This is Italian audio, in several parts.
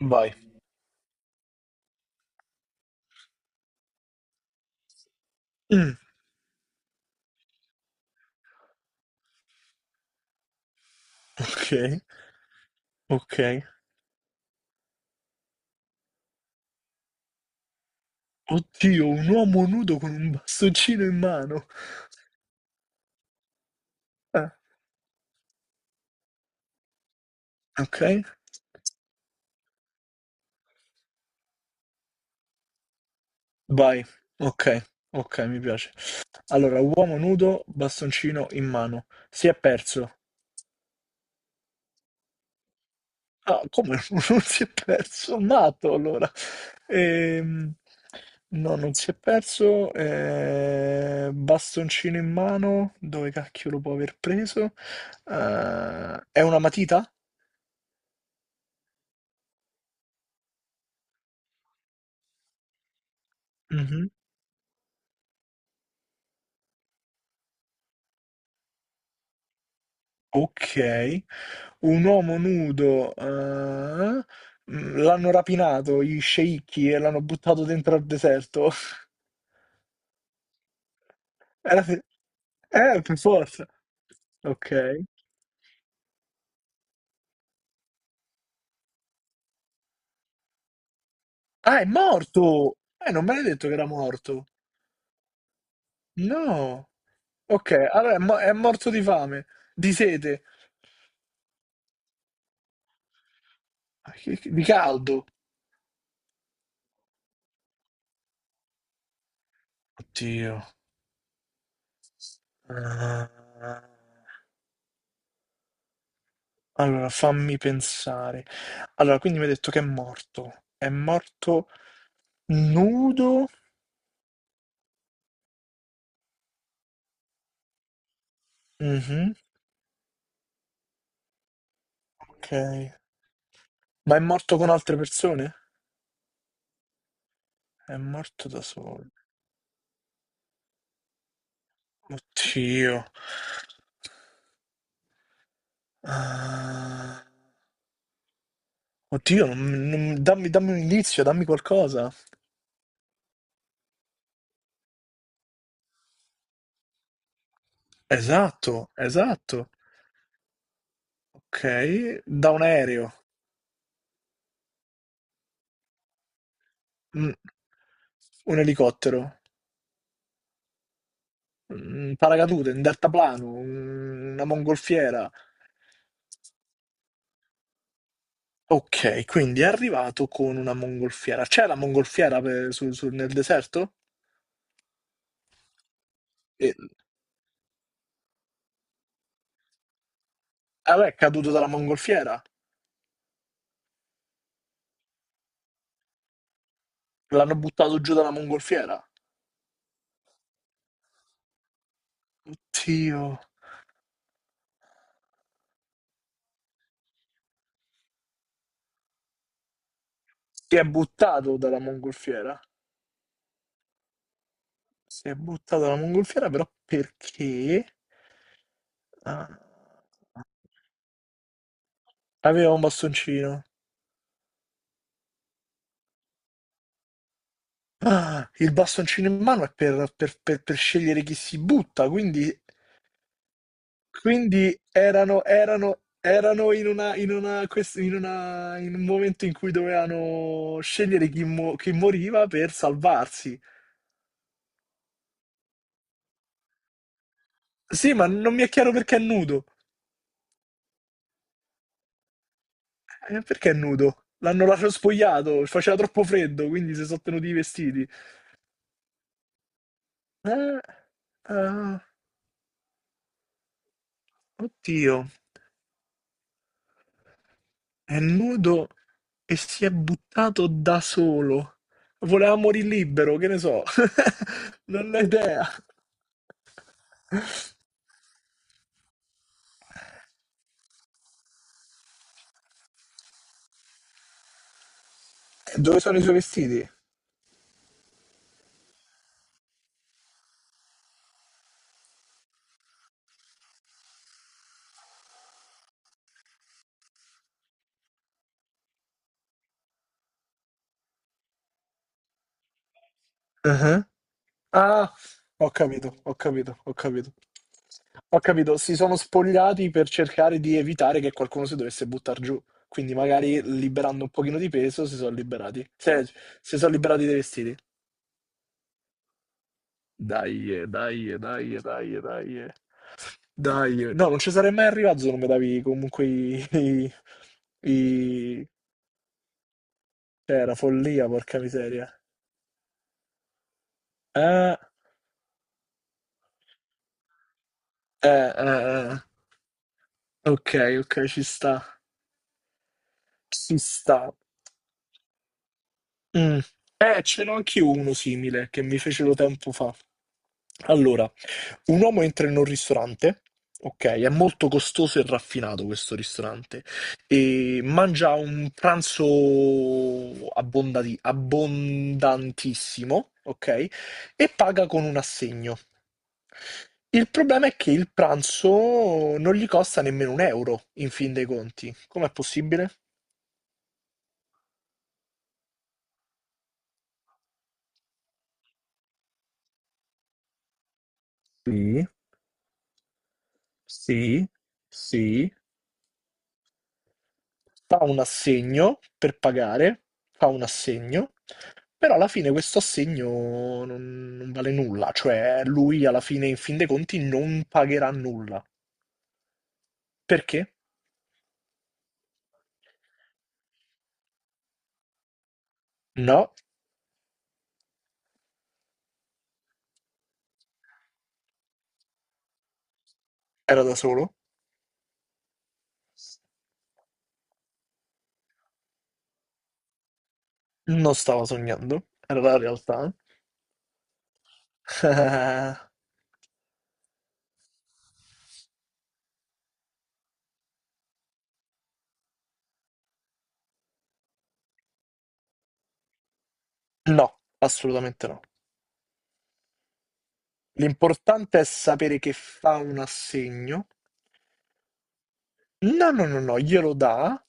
Vai. Mm, ok, ok. Oddio, un uomo nudo con un bastoncino in mano. Eh, ok, vai. Ok, ok, mi piace. Allora, uomo nudo, bastoncino in mano. Si è perso. Ah, come non si è perso? Matto, allora. Ehm, no, non si è perso. Bastoncino in mano. Dove cacchio lo può aver preso? È una matita? Mhm. Ok, un uomo nudo, l'hanno rapinato gli sceicchi e l'hanno buttato dentro al deserto. Era se- per forza. Ok. Ah, è morto! Non me l'hai detto che era morto. No. Ok, allora è morto di fame, di sete. Di caldo. Oddio. Ah. Allora, fammi pensare. Allora, quindi mi hai detto che è morto. È morto nudo? Mhm. Ok. Ma è morto con altre persone? È morto da solo. Oddio. Ah, oddio, dammi, dammi un indizio, dammi qualcosa. Esatto, esatto. Ok, da un aereo, Mm, un elicottero, un paracadute, un deltaplano, una mongolfiera. Ok, quindi è arrivato con una mongolfiera. C'è la mongolfiera nel deserto? Ah, beh, è caduto dalla mongolfiera. L'hanno buttato giù dalla mongolfiera. Oddio. Si è buttato dalla mongolfiera. Si è buttato dalla mongolfiera, però perché? Ah, aveva un bastoncino. Ah, il bastoncino in mano è per, per scegliere chi si butta, quindi, quindi erano, erano- erano in una- quest- in una- in un momento in cui dovevano scegliere chi, chi moriva per salvarsi. Sì, ma non mi è chiaro perché è nudo. Perché è nudo? L'hanno lasciato spogliato, faceva troppo freddo, quindi si sono tenuti i vestiti. Eh, ah, Oddio, è nudo e si è buttato da solo. Voleva morire libero, che ne so. Non ho idea. Dove sono i suoi vestiti? Ah, ho capito. Ho capito, si sono spogliati per cercare di evitare che qualcuno si dovesse buttare giù. Quindi magari liberando un pochino di peso si sono liberati. Cioè, si sono liberati dei vestiti. Dai, dai, dai, dai, dai. Eh. Dai, eh. No, non ci sarei mai arrivato se non mi davi comunque i cioè, era follia, porca miseria. Eh, eh, eh, eh. Ok, ok, ci sta. Ci sta. Mm. Ce n'ho anch'io uno simile che mi fecero tempo fa. Allora, un uomo entra in un ristorante, ok, è molto costoso e raffinato questo ristorante, e mangia un pranzo abbondantissimo, ok, e paga con un assegno. Il problema è che il pranzo non gli costa nemmeno un euro, in fin dei conti. Com'è possibile? Sì, sì, sì. Fa un assegno per pagare, fa un assegno, però alla fine questo assegno non vale nulla, cioè lui alla fine, in fin dei conti, non pagherà nulla. Perché? No, era da solo, non stava sognando, era la realtà. No, assolutamente no. L'importante è sapere che fa un assegno. No, no, no, no, glielo dà,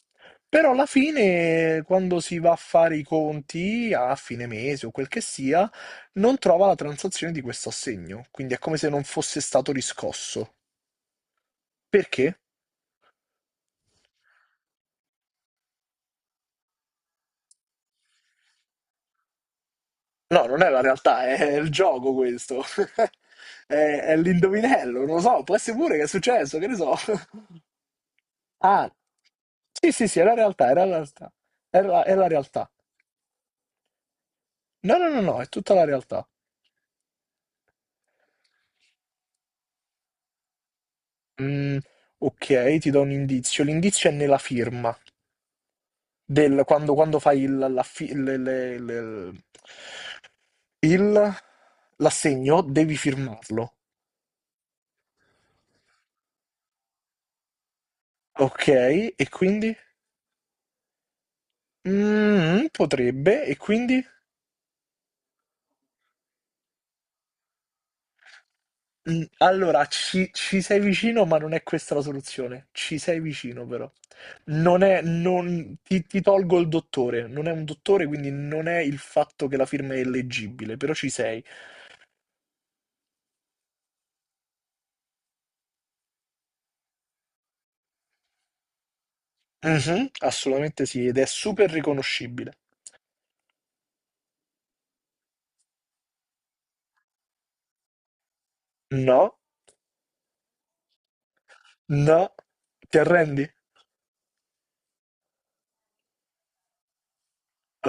però alla fine, quando si va a fare i conti a fine mese o quel che sia, non trova la transazione di questo assegno, quindi è come se non fosse stato riscosso. Perché? No, non è la realtà, è il gioco questo. È, è l'indovinello, non lo so, può essere pure che è successo, che ne so. Ah, sì, è la realtà, è la realtà. È la realtà. No, no, no, no, è tutta la realtà. Mm, ok, ti do un indizio. L'indizio è nella firma, quando fai il, la fi- le- il- l'assegno devi firmarlo. Ok, e quindi? Mm, potrebbe, e quindi? Mm, allora, ci sei vicino, ma non è questa la soluzione. Ci sei vicino, però. Non è, non- ti tolgo il dottore, non è un dottore, quindi non è il fatto che la firma è illeggibile, però ci sei. Mhm, assolutamente sì, ed è super riconoscibile. No, no, ti arrendi?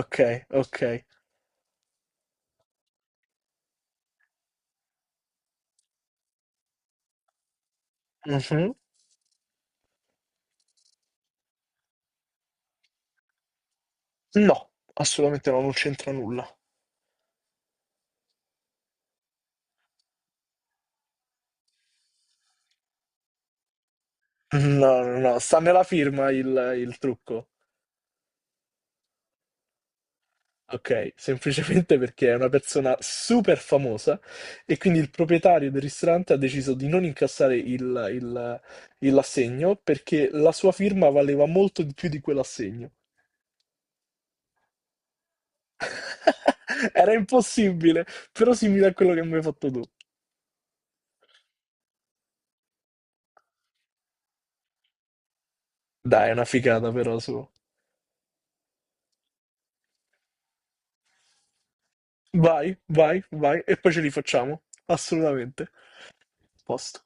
Ok, ok. Mhm. No, assolutamente no, non c'entra nulla. No, no, no, sta nella firma il trucco. Ok, semplicemente perché è una persona super famosa e quindi il proprietario del ristorante ha deciso di non incassare il- il assegno perché la sua firma valeva molto di più di quell'assegno. Era impossibile, però simile a quello che mi hai fatto tu. Dai, è una figata però su. Vai, vai, vai, e poi ce li facciamo. Assolutamente. Posto.